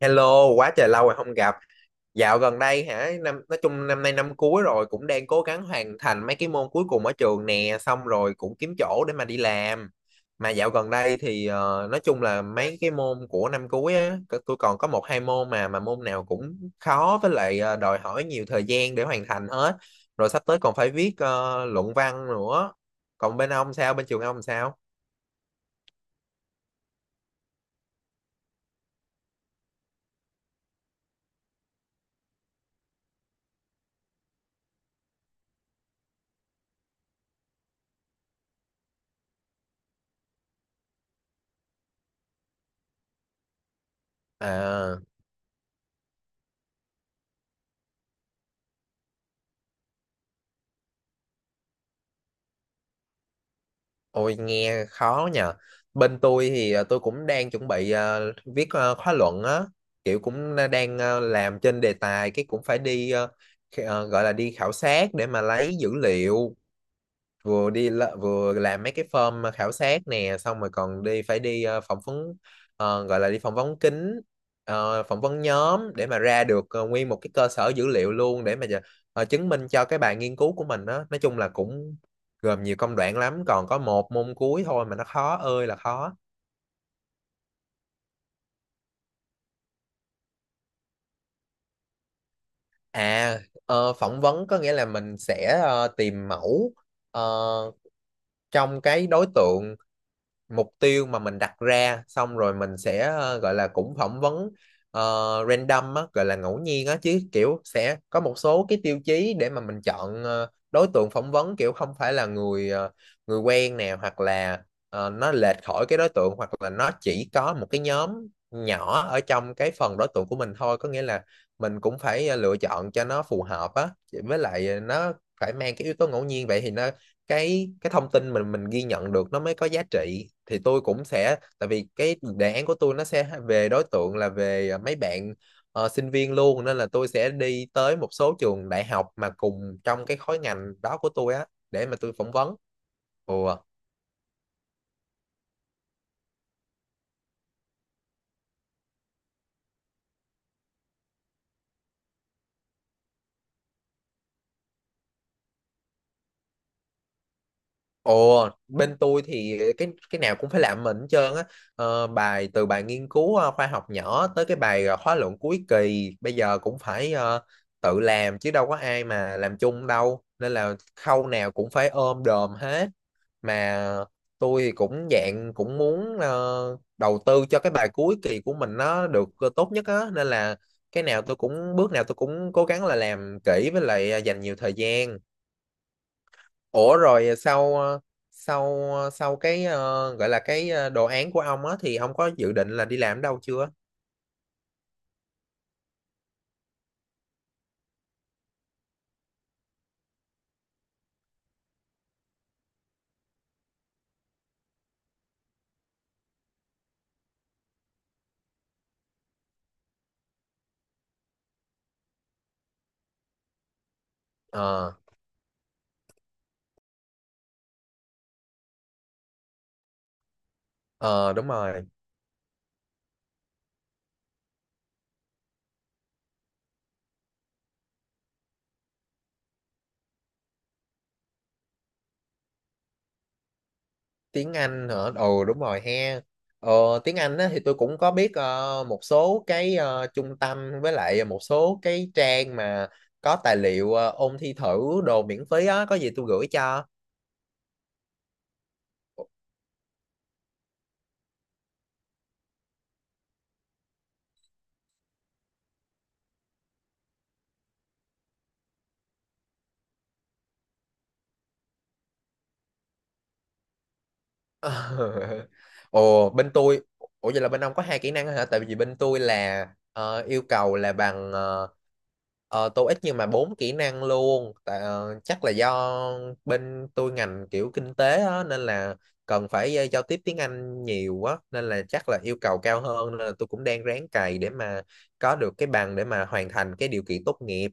Hello, quá trời lâu rồi không gặp. Dạo gần đây hả, nói chung năm nay năm cuối rồi cũng đang cố gắng hoàn thành mấy cái môn cuối cùng ở trường nè, xong rồi cũng kiếm chỗ để mà đi làm. Mà dạo gần đây thì nói chung là mấy cái môn của năm cuối á, tôi còn có một hai môn mà môn nào cũng khó với lại đòi hỏi nhiều thời gian để hoàn thành hết. Rồi sắp tới còn phải viết luận văn nữa. Còn bên ông sao, bên trường ông sao? À. Ôi nghe khó nhờ. Bên tôi thì tôi cũng đang chuẩn bị viết khóa luận á, kiểu cũng đang làm trên đề tài cái cũng phải đi gọi là đi khảo sát để mà lấy dữ liệu, vừa làm mấy cái form khảo sát nè, xong rồi còn phải đi phỏng vấn, gọi là đi phỏng vấn kín, phỏng vấn nhóm để mà ra được nguyên một cái cơ sở dữ liệu luôn để mà chứng minh cho cái bài nghiên cứu của mình đó. Nói chung là cũng gồm nhiều công đoạn lắm, còn có một môn cuối thôi mà nó khó ơi là khó. À, phỏng vấn có nghĩa là mình sẽ tìm mẫu ờ, trong cái đối tượng mục tiêu mà mình đặt ra, xong rồi mình sẽ gọi là cũng phỏng vấn ờ, random á, gọi là ngẫu nhiên á, chứ kiểu sẽ có một số cái tiêu chí để mà mình chọn đối tượng phỏng vấn, kiểu không phải là người quen nè, hoặc là nó lệch khỏi cái đối tượng, hoặc là nó chỉ có một cái nhóm nhỏ ở trong cái phần đối tượng của mình thôi. Có nghĩa là mình cũng phải lựa chọn cho nó phù hợp á, với lại nó phải mang cái yếu tố ngẫu nhiên, vậy thì nó cái thông tin mình ghi nhận được nó mới có giá trị. Thì tôi cũng sẽ, tại vì cái đề án của tôi nó sẽ về đối tượng là về à, mấy bạn sinh viên luôn, nên là tôi sẽ đi tới một số trường đại học mà cùng trong cái khối ngành đó của tôi á để mà tôi phỏng vấn. Ừ. Ồ, bên tôi thì cái nào cũng phải làm mình hết trơn á. Ờ, bài, từ bài nghiên cứu khoa học nhỏ tới cái bài khóa luận cuối kỳ bây giờ cũng phải tự làm, chứ đâu có ai mà làm chung đâu. Nên là khâu nào cũng phải ôm đồm hết. Mà tôi thì cũng dạng cũng muốn đầu tư cho cái bài cuối kỳ của mình nó được tốt nhất á. Nên là cái nào tôi cũng bước nào tôi cũng cố gắng là làm kỹ, với lại dành nhiều thời gian. Ủa rồi sau sau cái gọi là cái đồ án của ông á thì ông có dự định là đi làm ở đâu chưa? Ờ, ờ, đúng rồi. Tiếng Anh hả? Ồ đúng rồi he. Ờ, tiếng Anh á thì tôi cũng có biết một số cái trung tâm với lại một số cái trang mà có tài liệu ôn thi thử đồ miễn phí á, có gì tôi gửi cho. Ờ. Ồ bên tôi. Ủa vậy là bên ông có hai kỹ năng hả? Tại vì bên tôi là yêu cầu là bằng TOEIC nhưng mà 4 kỹ năng luôn. Tại, ờ, chắc là do bên tôi ngành kiểu kinh tế á, nên là cần phải giao tiếp tiếng Anh nhiều quá, nên là chắc là yêu cầu cao hơn, nên là tôi cũng đang ráng cày để mà có được cái bằng để mà hoàn thành cái điều kiện tốt nghiệp.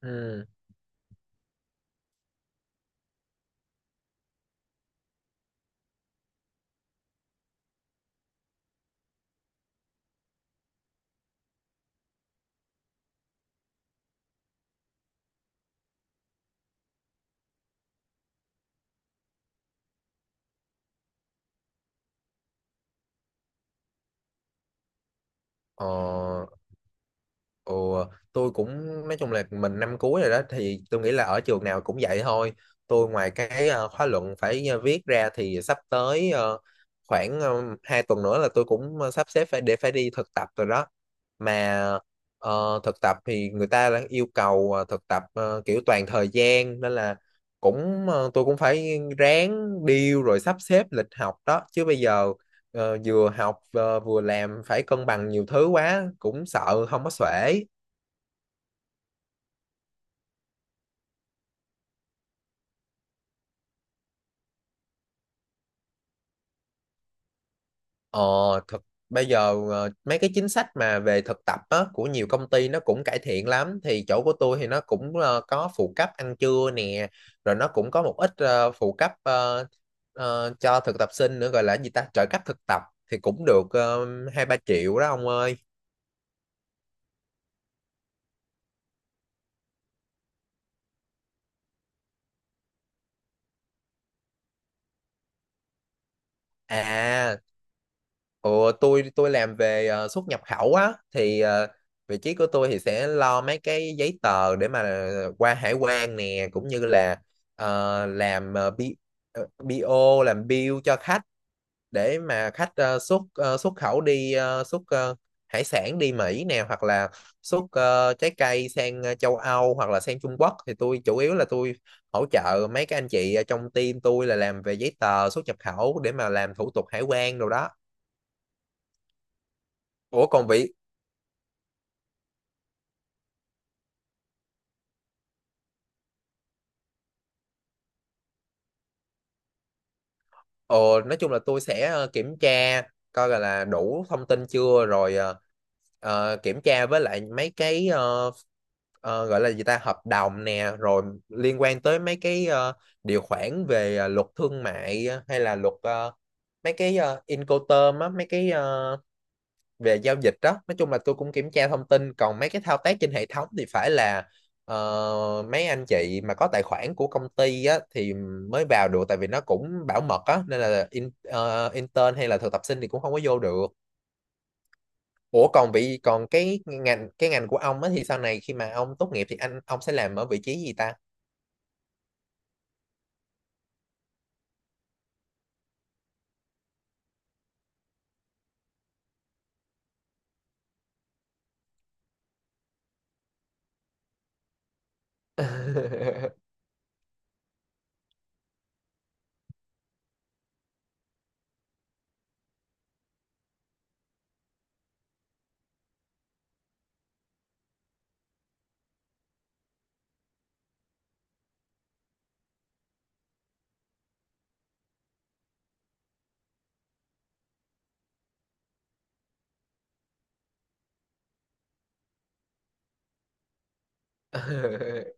Ừ. Ờ. Ồ, tôi cũng nói chung là mình năm cuối rồi đó, thì tôi nghĩ là ở trường nào cũng vậy thôi. Tôi ngoài cái khóa luận phải viết ra thì sắp tới khoảng 2 tuần nữa là tôi cũng sắp xếp phải đi thực tập rồi đó. Mà thực tập thì người ta đã yêu cầu thực tập kiểu toàn thời gian, nên là cũng tôi cũng phải ráng deal rồi sắp xếp lịch học đó. Chứ bây giờ vừa học vừa làm phải cân bằng nhiều thứ quá, cũng sợ không có xuể. Ờ, thực Bây giờ mấy cái chính sách mà về thực tập á, của nhiều công ty nó cũng cải thiện lắm, thì chỗ của tôi thì nó cũng có phụ cấp ăn trưa nè, rồi nó cũng có một ít phụ cấp cho thực tập sinh nữa, gọi là gì ta, trợ cấp thực tập, thì cũng được 2-3 triệu đó ông ơi. À, ủa, tôi làm về xuất nhập khẩu á, thì vị trí của tôi thì sẽ lo mấy cái giấy tờ để mà qua hải quan nè, cũng như là làm BO, làm bill cho khách để mà khách xuất khẩu đi, hải sản đi Mỹ nè, hoặc là xuất trái cây sang châu Âu, hoặc là sang Trung Quốc. Thì tôi chủ yếu là tôi hỗ trợ mấy cái anh chị ở trong team tôi là làm về giấy tờ xuất nhập khẩu để mà làm thủ tục hải quan đồ đó. Ủa còn vị. Ờ, nói chung là tôi sẽ kiểm tra coi là đủ thông tin chưa, rồi kiểm tra với lại mấy cái gọi là gì ta, hợp đồng nè, rồi liên quan tới mấy cái điều khoản về luật thương mại hay là luật mấy cái Incoterm á, mấy cái về giao dịch đó. Nói chung là tôi cũng kiểm tra thông tin, còn mấy cái thao tác trên hệ thống thì phải là mấy anh chị mà có tài khoản của công ty á, thì mới vào được, tại vì nó cũng bảo mật á, nên là intern hay là thực tập sinh thì cũng không có vô được. Ủa còn vị còn cái ngành của ông á thì sau này khi mà ông tốt nghiệp thì anh ông sẽ làm ở vị trí gì ta?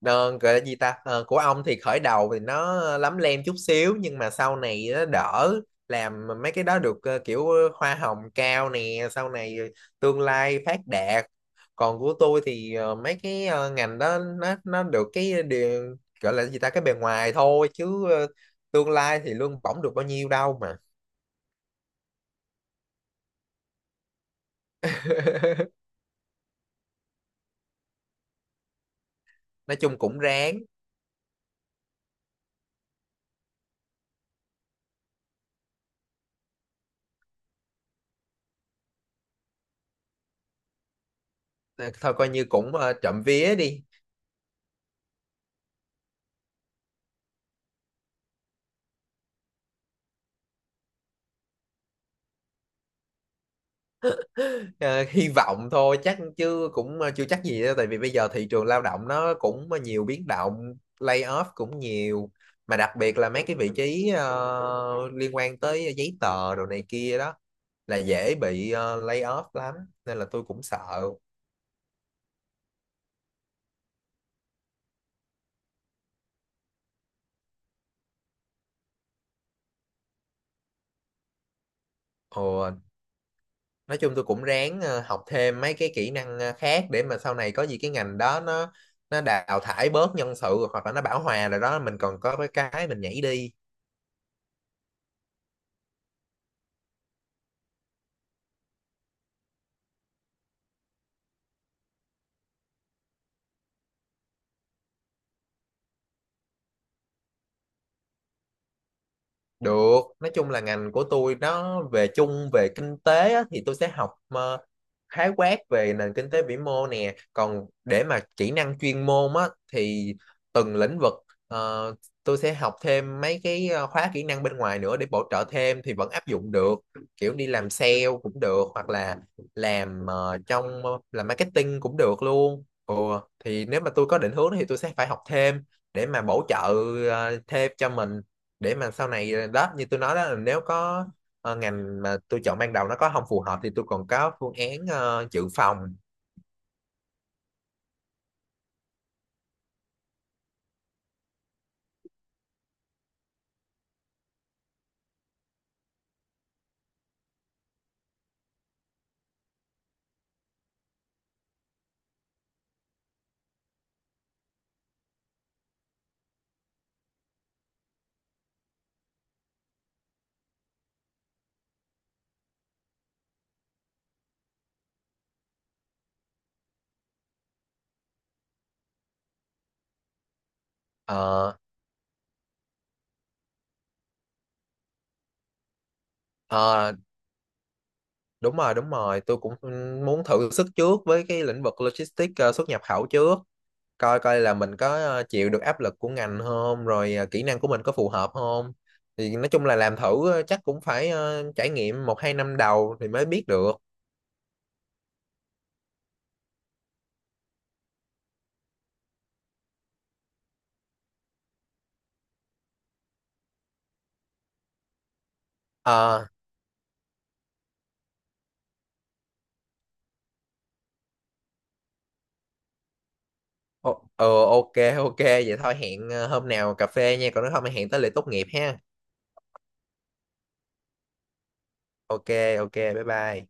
Đơn, gọi là gì ta, ờ, của ông thì khởi đầu thì nó lấm lem chút xíu nhưng mà sau này nó đỡ, làm mấy cái đó được kiểu hoa hồng cao nè, sau này tương lai phát đạt. Còn của tôi thì mấy cái ngành đó nó được cái điều, gọi là gì ta, cái bề ngoài thôi, chứ tương lai thì lương bổng được bao nhiêu đâu mà. Nói chung cũng ráng. Ờ, thôi coi như cũng trộm vía đi. Ờ, hy vọng thôi chắc, chứ cũng chưa chắc gì đâu, tại vì bây giờ thị trường lao động nó cũng nhiều biến động, layoff cũng nhiều. Mà đặc biệt là mấy cái vị trí liên quan tới giấy tờ đồ này kia đó là dễ bị layoff lắm, nên là tôi cũng sợ. Ồ, nói chung tôi cũng ráng học thêm mấy cái kỹ năng khác để mà sau này có gì, cái ngành đó nó đào thải bớt nhân sự, hoặc là nó bão hòa rồi đó, mình còn có cái mình nhảy đi. Được, nói chung là ngành của tôi nó về chung về kinh tế á, thì tôi sẽ học khái quát về nền kinh tế vĩ mô nè. Còn để mà kỹ năng chuyên môn á, thì từng lĩnh vực ờ, tôi sẽ học thêm mấy cái khóa kỹ năng bên ngoài nữa để bổ trợ thêm thì vẫn áp dụng được. Kiểu đi làm sale cũng được, hoặc là làm làm marketing cũng được luôn. Ừ, thì nếu mà tôi có định hướng thì tôi sẽ phải học thêm để mà bổ trợ thêm cho mình, để mà sau này đó, như tôi nói đó, là nếu có ngành mà tôi chọn ban đầu nó có không phù hợp thì tôi còn có phương án dự phòng. Ờ, ờ, đúng rồi tôi cũng ừ, muốn thử sức trước với cái lĩnh vực logistics, xuất nhập khẩu trước, coi coi là mình có chịu được áp lực của ngành không, rồi kỹ năng của mình có phù hợp không. Thì nói chung là làm thử chắc cũng phải trải nghiệm 1-2 năm đầu thì mới biết được. Ờ. Ồ, ừ, ok, ok vậy thôi, hẹn hôm nào cà phê nha, còn nếu không thì hẹn tới lễ tốt nghiệp ha. Ok, ok, bye bye.